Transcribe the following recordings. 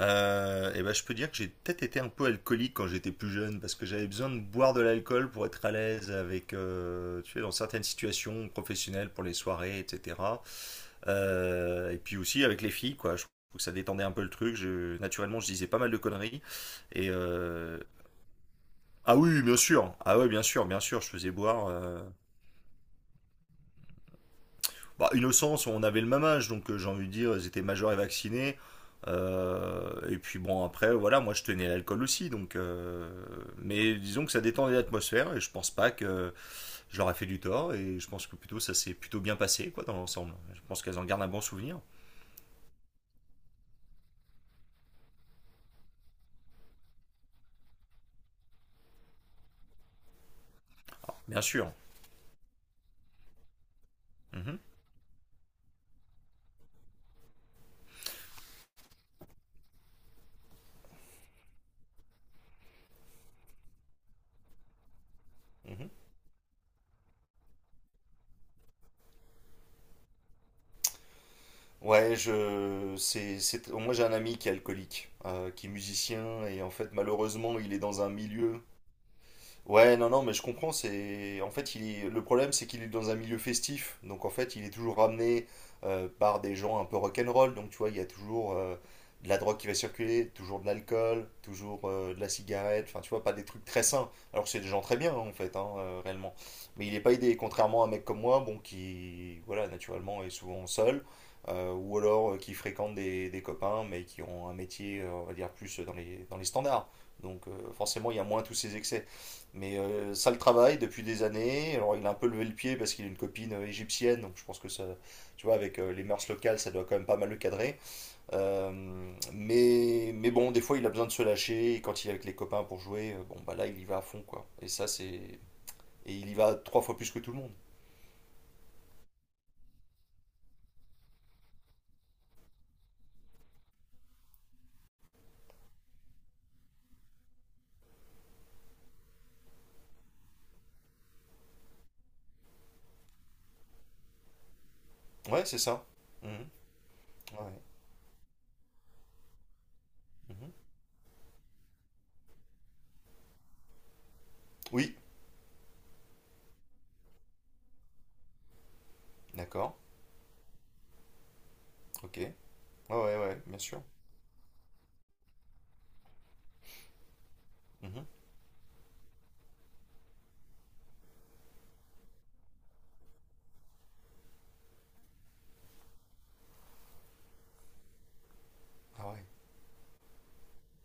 Et ben, je peux dire que j'ai peut-être été un peu alcoolique quand j'étais plus jeune parce que j'avais besoin de boire de l'alcool pour être à l'aise avec, tu sais, dans certaines situations professionnelles pour les soirées, etc. Et puis aussi avec les filles, quoi. Je trouve que ça détendait un peu le truc. Naturellement, je disais pas mal de conneries. Et euh, ah oui, bien sûr. Ah ouais, bien sûr, bien sûr. Je faisais boire. Bah, innocence, on avait le même âge, donc j'ai envie de dire, ils étaient majeurs et vaccinés. Et puis bon, après, voilà, moi je tenais l'alcool aussi, donc, mais disons que ça détendait l'atmosphère et je pense pas que je leur ai fait du tort et je pense que plutôt ça s'est plutôt bien passé, quoi, dans l'ensemble. Je pense qu'elles en gardent un bon souvenir. Ah, bien sûr. Mhm, mhm. Moi j'ai un ami qui est alcoolique, qui est musicien et en fait malheureusement il est dans un milieu. Ouais, non, non, mais je comprends. C'est en fait, le problème, c'est qu'il est dans un milieu festif. Donc en fait, il est toujours ramené par des gens un peu rock'n'roll. Donc tu vois, il y a toujours de la drogue qui va circuler, toujours de l'alcool, toujours de la cigarette. Enfin, tu vois, pas des trucs très sains. Alors que c'est des gens très bien hein, en fait, hein, réellement. Mais il n'est pas aidé. Contrairement à un mec comme moi, bon, qui, voilà, naturellement est souvent seul, ou alors qui fréquente des copains, mais qui ont un métier, on va dire plus dans les standards. Donc forcément, il y a moins tous ces excès. Mais ça le travaille depuis des années. Alors il a un peu levé le pied parce qu'il a une copine égyptienne, donc je pense que ça, tu vois, avec les mœurs locales, ça doit quand même pas mal le cadrer. Mais bon, des fois il a besoin de se lâcher. Et quand il est avec les copains pour jouer, bon bah là il y va à fond quoi. Et il y va 3 fois plus que tout le monde. Ouais, c'est ça. Mhm. Ouais. Mhm. Oui, d'accord, ok. Ouais, ouais, ouais, bien sûr. Mhm. Ah ouais,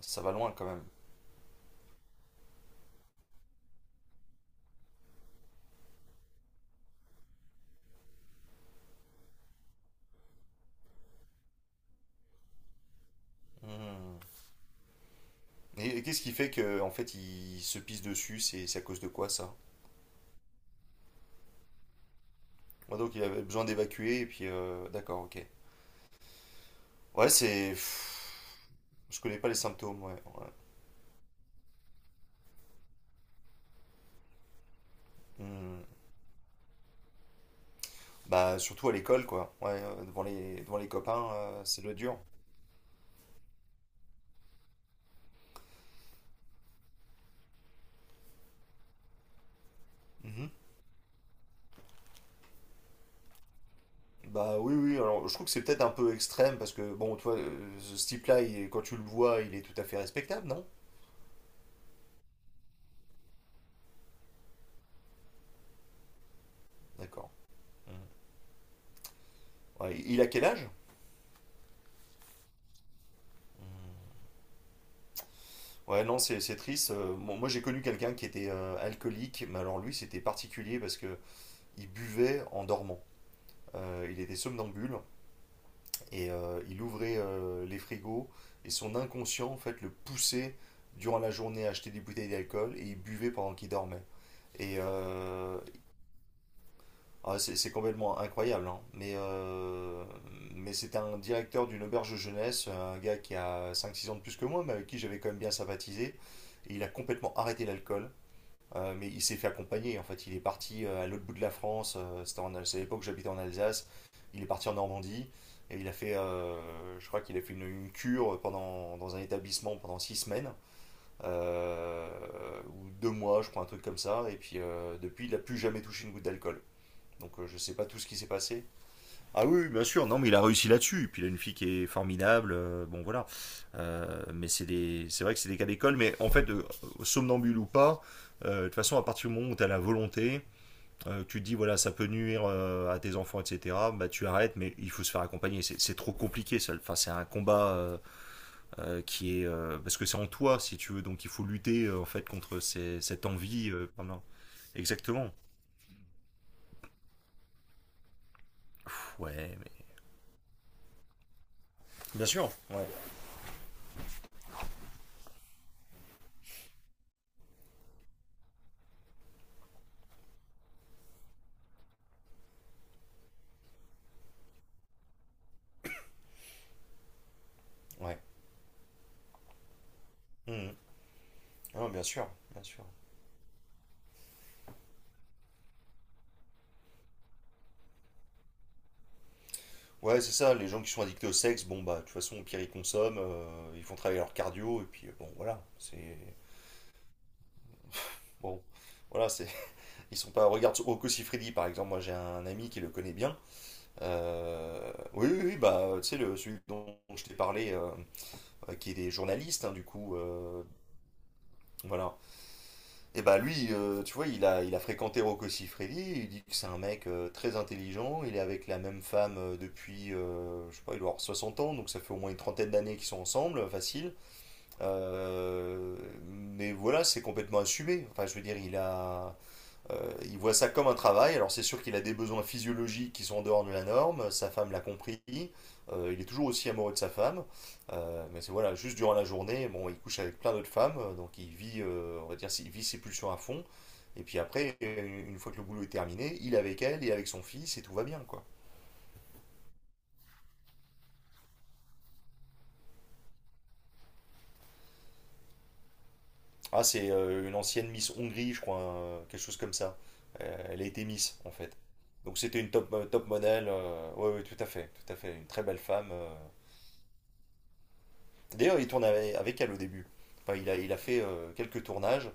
ça va loin quand même. Mhm. Et qu'est-ce qui fait que en fait il se pisse dessus? C'est à cause de quoi ça? Ouais, donc il avait besoin d'évacuer et puis d'accord, ok. Ouais, c'est. pff, Je connais pas les symptômes, ouais. Ouais. Hmm. Bah surtout à l'école, quoi. Ouais, devant les copains, c'est le dur. Mhm. Bah oui, oui, alors je trouve que c'est peut-être un peu extrême parce que, bon, toi, ce type-là, quand tu le vois, il est tout à fait respectable, non? D'accord. Mhm. Ouais, il a quel âge? Hmm. Ouais, non, c'est triste. Bon, moi, j'ai connu quelqu'un qui était alcoolique, mais alors lui, c'était particulier parce que il buvait en dormant. Il était somnambule. Il ouvrait les frigos et son inconscient, en fait, le poussait durant la journée à acheter des bouteilles d'alcool et il buvait pendant qu'il dormait. Et euh, ah, c'est complètement incroyable, hein. Mais c'était un directeur d'une auberge jeunesse, un gars qui a 5-6 ans de plus que moi, mais avec qui j'avais quand même bien sympathisé. Et il a complètement arrêté l'alcool, mais il s'est fait accompagner. En fait, il est parti à l'autre bout de la France. C'est à l'époque où j'habitais en Alsace. Il est parti en Normandie et il a fait, je crois qu'il a fait une cure dans un établissement pendant 6 semaines, euh, ou 2 mois, je crois, un truc comme ça. Et puis depuis, il n'a plus jamais touché une goutte d'alcool. Donc je ne sais pas tout ce qui s'est passé. Ah oui, oui, bien sûr, non, mais il a réussi là-dessus. Et puis il a une fille qui est formidable, bon voilà. Mais c'est vrai que c'est des cas d'école, mais en fait, somnambule ou pas, de toute façon, à partir du moment où tu as la volonté, tu te dis voilà, ça peut nuire à tes enfants, etc., bah tu arrêtes, mais il faut se faire accompagner. C'est trop compliqué, ça. Enfin, c'est un combat qui est. Parce que c'est en toi, si tu veux, donc il faut lutter en fait contre cette envie. Exactement. Ouais, mais. Bien sûr, ouais. Ouais. Mhm. Ah, bien sûr, bien sûr. Ouais, c'est ça, les gens qui sont addictés au sexe, bon bah de toute façon au pire ils consomment, ils font travailler leur cardio et puis bon. Voilà, c'est ils sont pas regarde Rocco Siffredi par exemple, moi j'ai un ami qui le connaît bien. Oui oui, oui, bah tu sais le celui dont je t'ai parlé qui est des journalistes hein, du coup voilà. Et bah lui tu vois, il a fréquenté Rocco Siffredi, il dit que c'est un mec très intelligent, il est avec la même femme depuis je sais pas, il doit avoir 60 ans, donc ça fait au moins une trentaine d'années qu'ils sont ensemble, facile. Euh, mais voilà, c'est complètement assumé. Enfin, je veux dire, il voit ça comme un travail. Alors, c'est sûr qu'il a des besoins physiologiques qui sont en dehors de la norme. Sa femme l'a compris. Il est toujours aussi amoureux de sa femme. Mais c'est voilà, juste durant la journée, bon, il couche avec plein d'autres femmes. Donc, on va dire, il vit ses pulsions à fond. Et puis après, une fois que le boulot est terminé, il est avec elle, il est avec son fils et tout va bien, quoi. Ah, c'est une ancienne Miss Hongrie, je crois, hein, quelque chose comme ça. Elle a été Miss, en fait. Donc c'était une top modèle. Ouais, ouais, tout à fait, tout à fait. Une très belle femme. D'ailleurs, il tourne avec elle au début. Enfin, il a fait quelques tournages.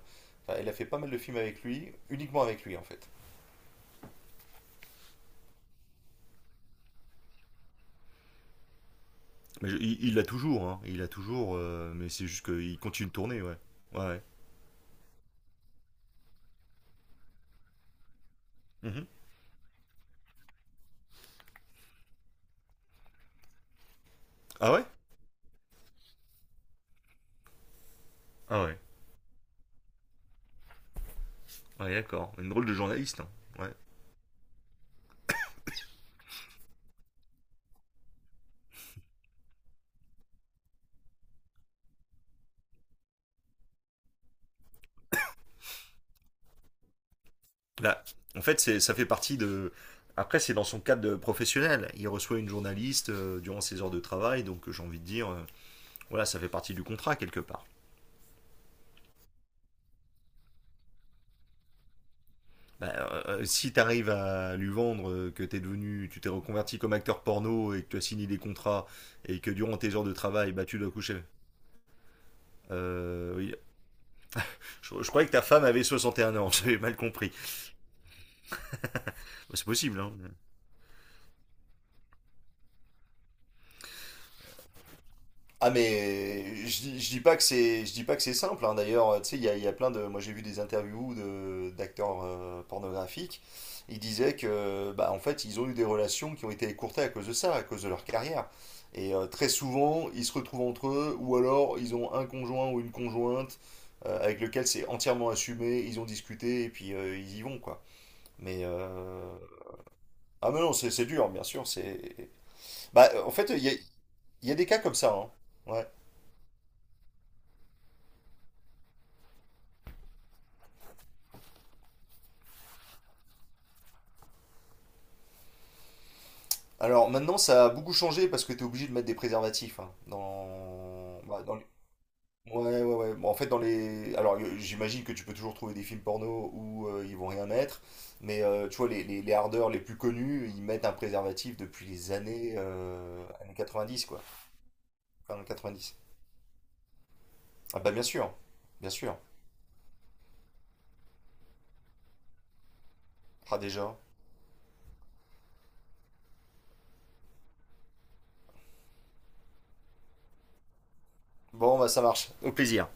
Enfin, elle a fait pas mal de films avec lui, uniquement avec lui, en fait. Mais il l'a toujours, hein. Il l'a toujours, mais c'est juste qu'il continue de tourner, ouais. Ouais, ouais. Mhm. Ah ouais? Ah ouais. Ouais, d'accord. Une drôle de journaliste, hein. Ouais. Là, en fait, ça fait partie de. Après, c'est dans son cadre de professionnel. Il reçoit une journaliste durant ses heures de travail, donc j'ai envie de dire, voilà, ça fait partie du contrat quelque part. Bah, Si tu arrives à lui vendre que tu t'es reconverti comme acteur porno et que tu as signé des contrats et que durant tes heures de travail, bah, tu dois coucher. Oui. Je croyais que ta femme avait 61 ans, j'avais mal compris. Bah, c'est possible, hein. Ah mais je dis pas que c'est simple hein. D'ailleurs tu sais il y a plein de moi j'ai vu des interviews de d'acteurs pornographiques ils disaient que bah en fait ils ont eu des relations qui ont été écourtées à cause de ça à cause de leur carrière et très souvent ils se retrouvent entre eux ou alors ils ont un conjoint ou une conjointe avec lequel c'est entièrement assumé ils ont discuté et puis ils y vont quoi mais ah mais non c'est dur bien sûr c'est bah en fait il y a des cas comme ça hein. Ouais. Alors maintenant, ça a beaucoup changé parce que tu es obligé de mettre des préservatifs, hein, dans... bah, dans les... Ouais, ouais, ouais. Bon, en fait, dans les... Alors, j'imagine que tu peux toujours trouver des films porno où ils vont rien mettre. Mais tu vois, les hardeurs les plus connus, ils mettent un préservatif depuis années 90, quoi. Enfin, 90. Ah bah bien sûr, bien sûr. Ah déjà. Bon, bah ça marche. Au plaisir.